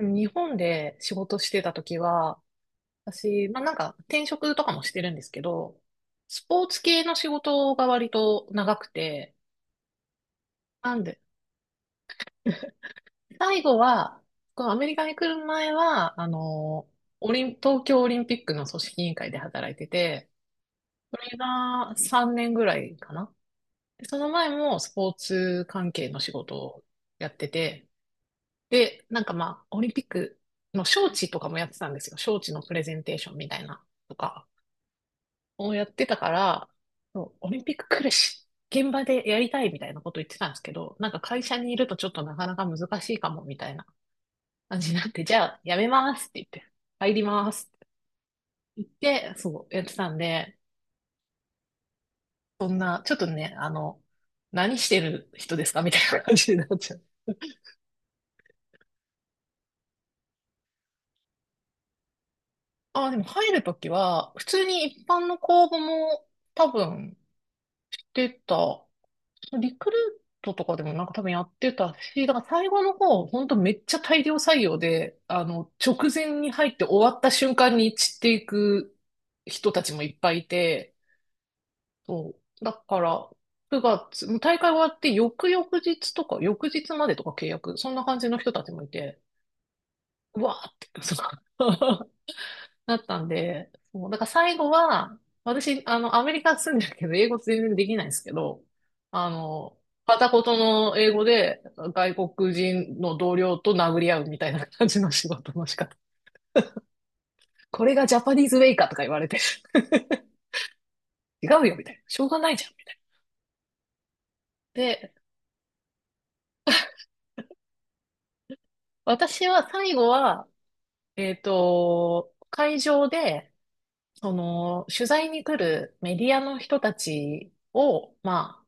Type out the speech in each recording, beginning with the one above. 日本で仕事してた時は、私、まあなんか転職とかもしてるんですけど、スポーツ系の仕事が割と長くて、なんで、最後は、このアメリカに来る前は、オリン、東京オリンピックの組織委員会で働いてて、それが3年ぐらいかな。でその前もスポーツ関係の仕事をやってて、で、なんかまあ、オリンピックの招致とかもやってたんですよ。招致のプレゼンテーションみたいなとか。をやってたから、そうオリンピック来るし、現場でやりたいみたいなこと言ってたんですけど、なんか会社にいるとちょっとなかなか難しいかもみたいな感じになって、じゃあやめますって言って、入りますって言って、そう、やってたんで、そんな、ちょっとね、何してる人ですかみたいな感じになっちゃう。あ、でも入るときは、普通に一般の公募も多分来てたリクルートとかでもなんか多分やってたし、だから最後の方、ほんとめっちゃ大量採用で、直前に入って終わった瞬間に散っていく人たちもいっぱいいて、そう。だから、9月、もう大会終わって翌々日とか、翌日までとか契約、そんな感じの人たちもいて、うわーって、そう だったんで、そう、だから最後は、私、アメリカ住んでるけど、英語全然できないんですけど、あの、片言の英語で外国人の同僚と殴り合うみたいな感じの仕事の仕方。これがジャパニーズウェイかとか言われて、違うよみたいな。しょうがないじゃんみたいな。で、私は最後は、会場で、その、取材に来るメディアの人たちを、ま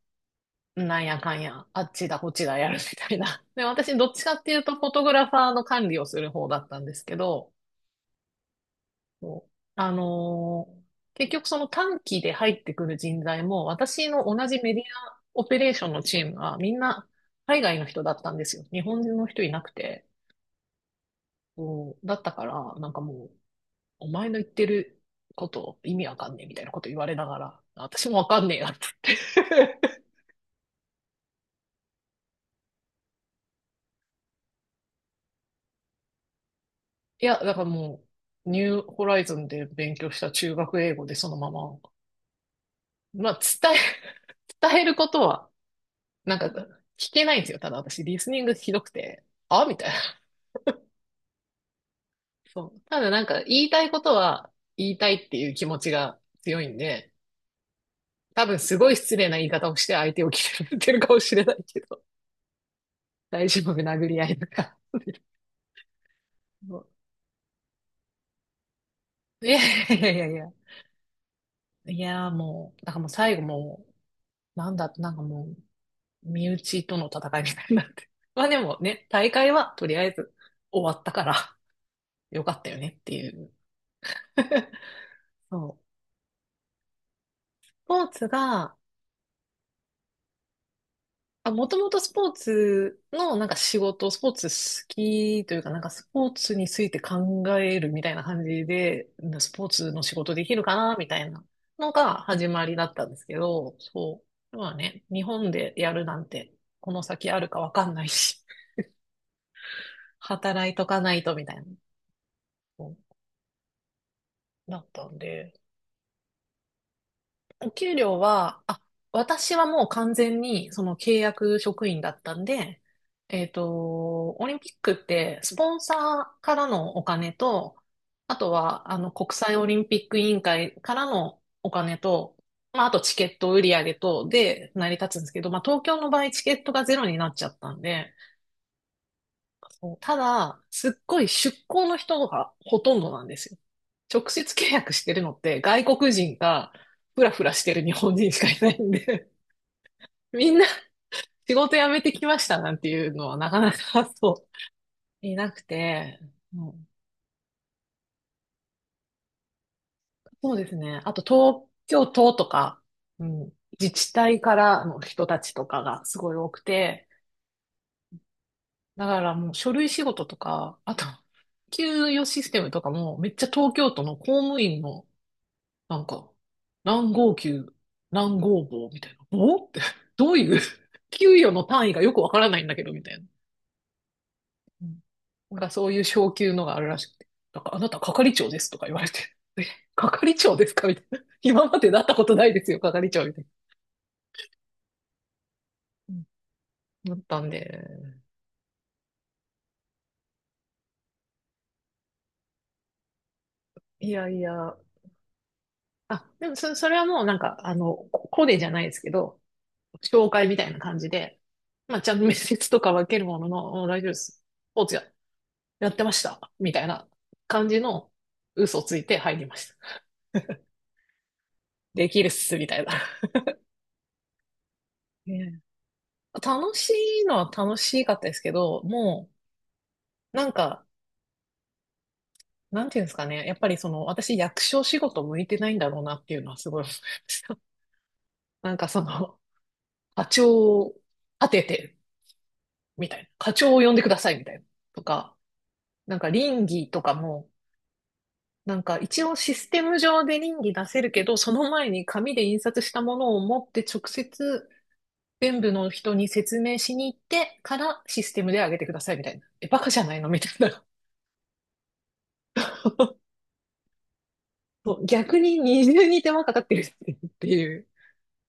あ、なんやかんや、あっちだこっちだやるみたいな。で、私どっちかっていうとフォトグラファーの管理をする方だったんですけど、そう結局その短期で入ってくる人材も、私の同じメディアオペレーションのチームはみんな海外の人だったんですよ。日本人の人いなくて。そうだったから、なんかもう、お前の言ってること意味わかんねえみたいなこと言われながら、私もわかんねえなって いや、だからもう、ニューホライズンで勉強した中学英語でそのまま、まあ、伝えることは、なんか、聞けないんですよ。ただ私、リスニングひどくて、あみたいな。そう。ただなんか、言いたいことは、言いたいっていう気持ちが強いんで、多分すごい失礼な言い方をして相手を決めてるかもしれないけど、大丈夫、殴り合いとか。もういやいやいや。いや、もう、だからもう最後もう、なんだ、なんかもう、身内との戦いみたいになって。まあでもね、大会はとりあえず終わったからよかったよねっていう。そう。スポーツが、あ、もともとスポーツのなんか仕事、スポーツ好きというかなんかスポーツについて考えるみたいな感じで、スポーツの仕事できるかなみたいなのが始まりだったんですけど、そう。まあね、日本でやるなんてこの先あるかわかんないし、働いとかないとみたいな、そうだったんで、お給料は、あ、私はもう完全にその契約職員だったんで、オリンピックってスポンサーからのお金と、あとはあの国際オリンピック委員会からのお金と、まあ、あとチケット売り上げとで成り立つんですけど、まあ、東京の場合チケットがゼロになっちゃったんで、そうただ、すっごい出向の人がほとんどなんですよ。直接契約してるのって外国人かフラフラしてる日本人しかいないんで みんな仕事辞めてきましたなんていうのはなかなかそういなくて、うん、そうですね。あと東京都とか、うん、自治体からの人たちとかがすごい多くて、だからもう書類仕事とか、あと、給与システムとかもめっちゃ東京都の公務員のなんか、何号球、何号棒みたいな。棒って、どういう、給与の単位がよくわからないんだけど、みたいな。うんなんかそういう昇級のがあるらしくて。なんかあなた係長ですとか言われて。え、係長ですかみたいな。今までなったことないですよ、係長みたいな。うんなったんで。いやいや。あ、でもそ、それはもうなんか、ココネじゃないですけど、紹介みたいな感じで、まあちゃんと面接とかは受けるものの、もう大丈夫です。スポーツやってました。みたいな感じの嘘ついて入りました。できるっす、みたいな。楽しいのは楽しかったですけど、もう、なんか、なんていうんですかね。やっぱりその、私役所仕事向いてないんだろうなっていうのはすごい思いました。なんかその、課長を立てて、みたいな。課長を呼んでください、みたいな。とか、なんか倫理とかも、なんか一応システム上で倫理出せるけど、その前に紙で印刷したものを持って直接全部の人に説明しに行ってからシステムで上げてくださいみたいな。え、バカじゃないのみたいな。そう逆に二重に手間かかってるっていう。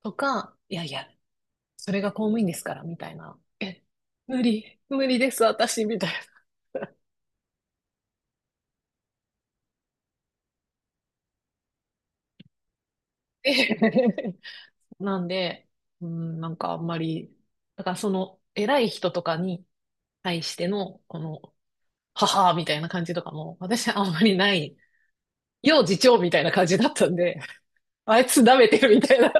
とか、いやいや、それが公務員ですからみたいな。え、無理です、私、みたいな。なんで、うん、なんかあんまり、だからその偉い人とかに対しての、この、母みたいな感じとかも、私はあんまりない。よう次長みたいな感じだったんで、あいつ舐めてるみたいな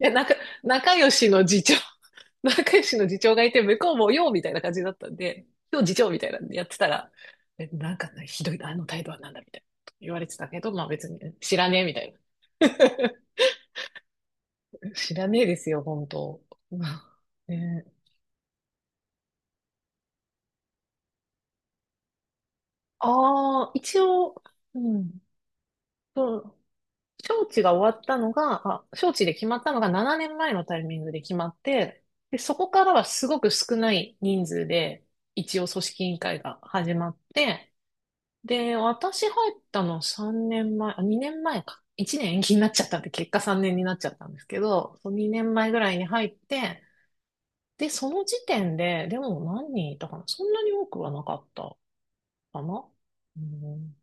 え、なか、仲良しの次長、仲良しの次長がいて、向こうもようみたいな感じだったんで、今日次長みたいなのやってたら、え、なんかねひどい、あの態度はなんだみたいなこと言われてたけど、まあ別に知らねえみたいな。知らねえですよ、本当。ね、ああ、一応、うん、そう、招致が終わったのが、あ、招致で決まったのが7年前のタイミングで決まって、で、そこからはすごく少ない人数で、一応組織委員会が始まって、で、私入ったの3年前、あ、2年前か。1年延期になっちゃったんで、結果3年になっちゃったんですけど、そ2年前ぐらいに入って、で、その時点で、でも何人いたかなそんなに多くはなかったかな、うん、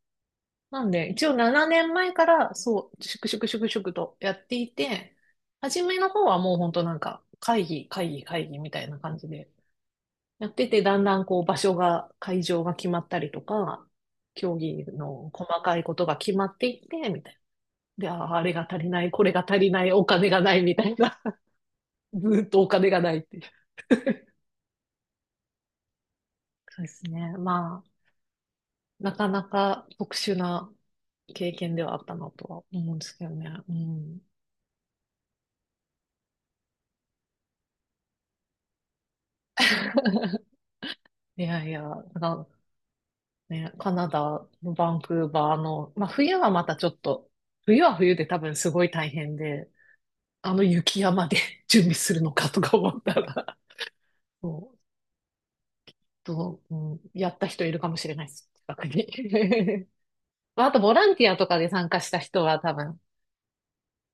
なんで、一応7年前から、そう、粛々とやっていて、初めの方はもう本当なんか、会議みたいな感じで、やってて、だんだんこう場所が、会場が決まったりとか、競技の細かいことが決まっていって、みたいな。で、あーあれが足りない、これが足りない、お金がない、みたいな。ずーっとお金がないっていう。そうですね。まあ、なかなか特殊な経験ではあったなとは思うんですけどね。うん。いやいや、な、ね、カナダのバンクーバーの、まあ冬はまたちょっと、冬は冬で多分すごい大変で、あの雪山で 準備するのかとか思ったら、そう、とやった人いるかもしれないです。近くに。まああと、ボランティアとかで参加した人は多分、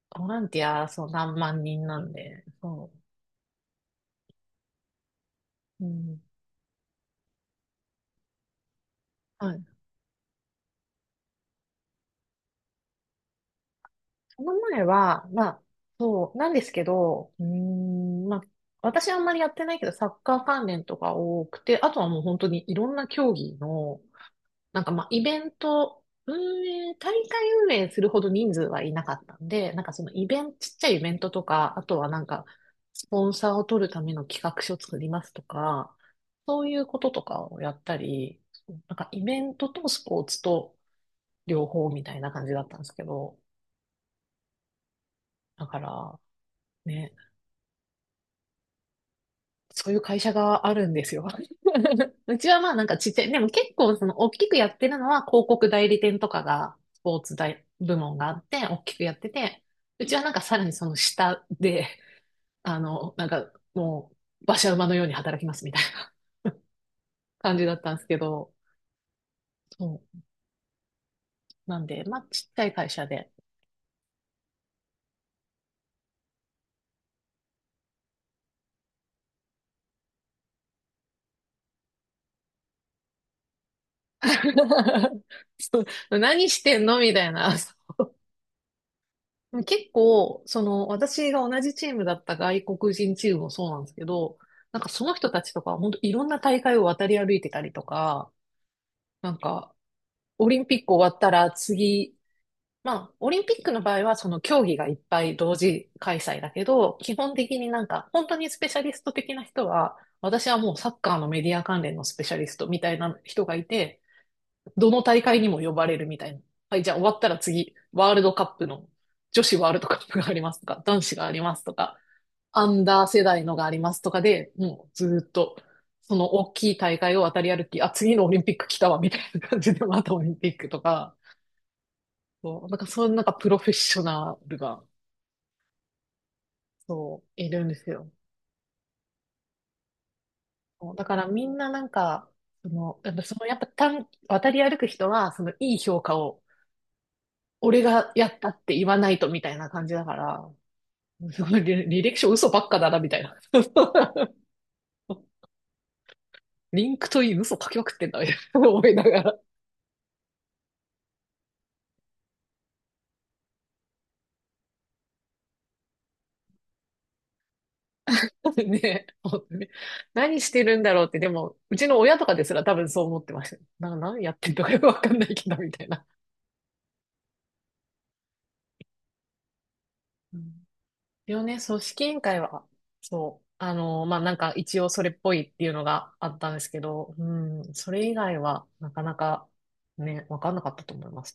ボランティア、そう、何万人なんで、そう、うん。はい。その前は、まあ、そう、なんですけど、うーん、まあ、私はあんまりやってないけど、サッカー関連とか多くて、あとはもう本当にいろんな競技の、なんかまあ、イベント、運営、大会運営するほど人数はいなかったんで、なんかそのイベント、ちっちゃいイベントとか、あとはなんか、スポンサーを取るための企画書作りますとか、そういうこととかをやったり、なんかイベントとスポーツと両方みたいな感じだったんですけど、だから、ね、そういう会社があるんですよ。うちはまあなんかちっちゃい、でも結構その大きくやってるのは広告代理店とかがスポーツ大部門があって大きくやってて、うちはなんかさらにその下で、あの、なんかも馬車馬のように働きますみたいな感じだったんですけど、そう。なんで、まあちっちゃい会社で。そう何してんのみたいな。結構、その、私が同じチームだった外国人チームもそうなんですけど、なんかその人たちとかは本当いろんな大会を渡り歩いてたりとか、なんか、オリンピック終わったら次、まあ、オリンピックの場合はその競技がいっぱい同時開催だけど、基本的になんか、本当にスペシャリスト的な人は、私はもうサッカーのメディア関連のスペシャリストみたいな人がいて、どの大会にも呼ばれるみたいな。はい、じゃあ終わったら次、ワールドカップの、女子ワールドカップがありますとか、男子がありますとか、アンダー世代のがありますとかで、もうずーっと、その大きい大会を渡り歩き、あ、次のオリンピック来たわ、みたいな感じで、またオリンピックとか、そう、なんかそういうなんかプロフェッショナルが、そう、いるんですよ。そうだからみんななんか、その、やっぱその、やっぱ渡り歩く人は、そのいい評価を、俺がやったって言わないとみたいな感じだから、すごい、履歴書嘘ばっかだな、みたいな。リンクといい嘘書きまくってんだ、みたいな思いながら。ね、本当に。何してるんだろうって、でも、うちの親とかですら多分そう思ってました。何やってんのかよくわかんないけど、みたいな。うん。でもね、組織委員会は、そう、あの、まあ、なんか一応それっぽいっていうのがあったんですけど、うん、それ以外はなかなかね、わかんなかったと思います。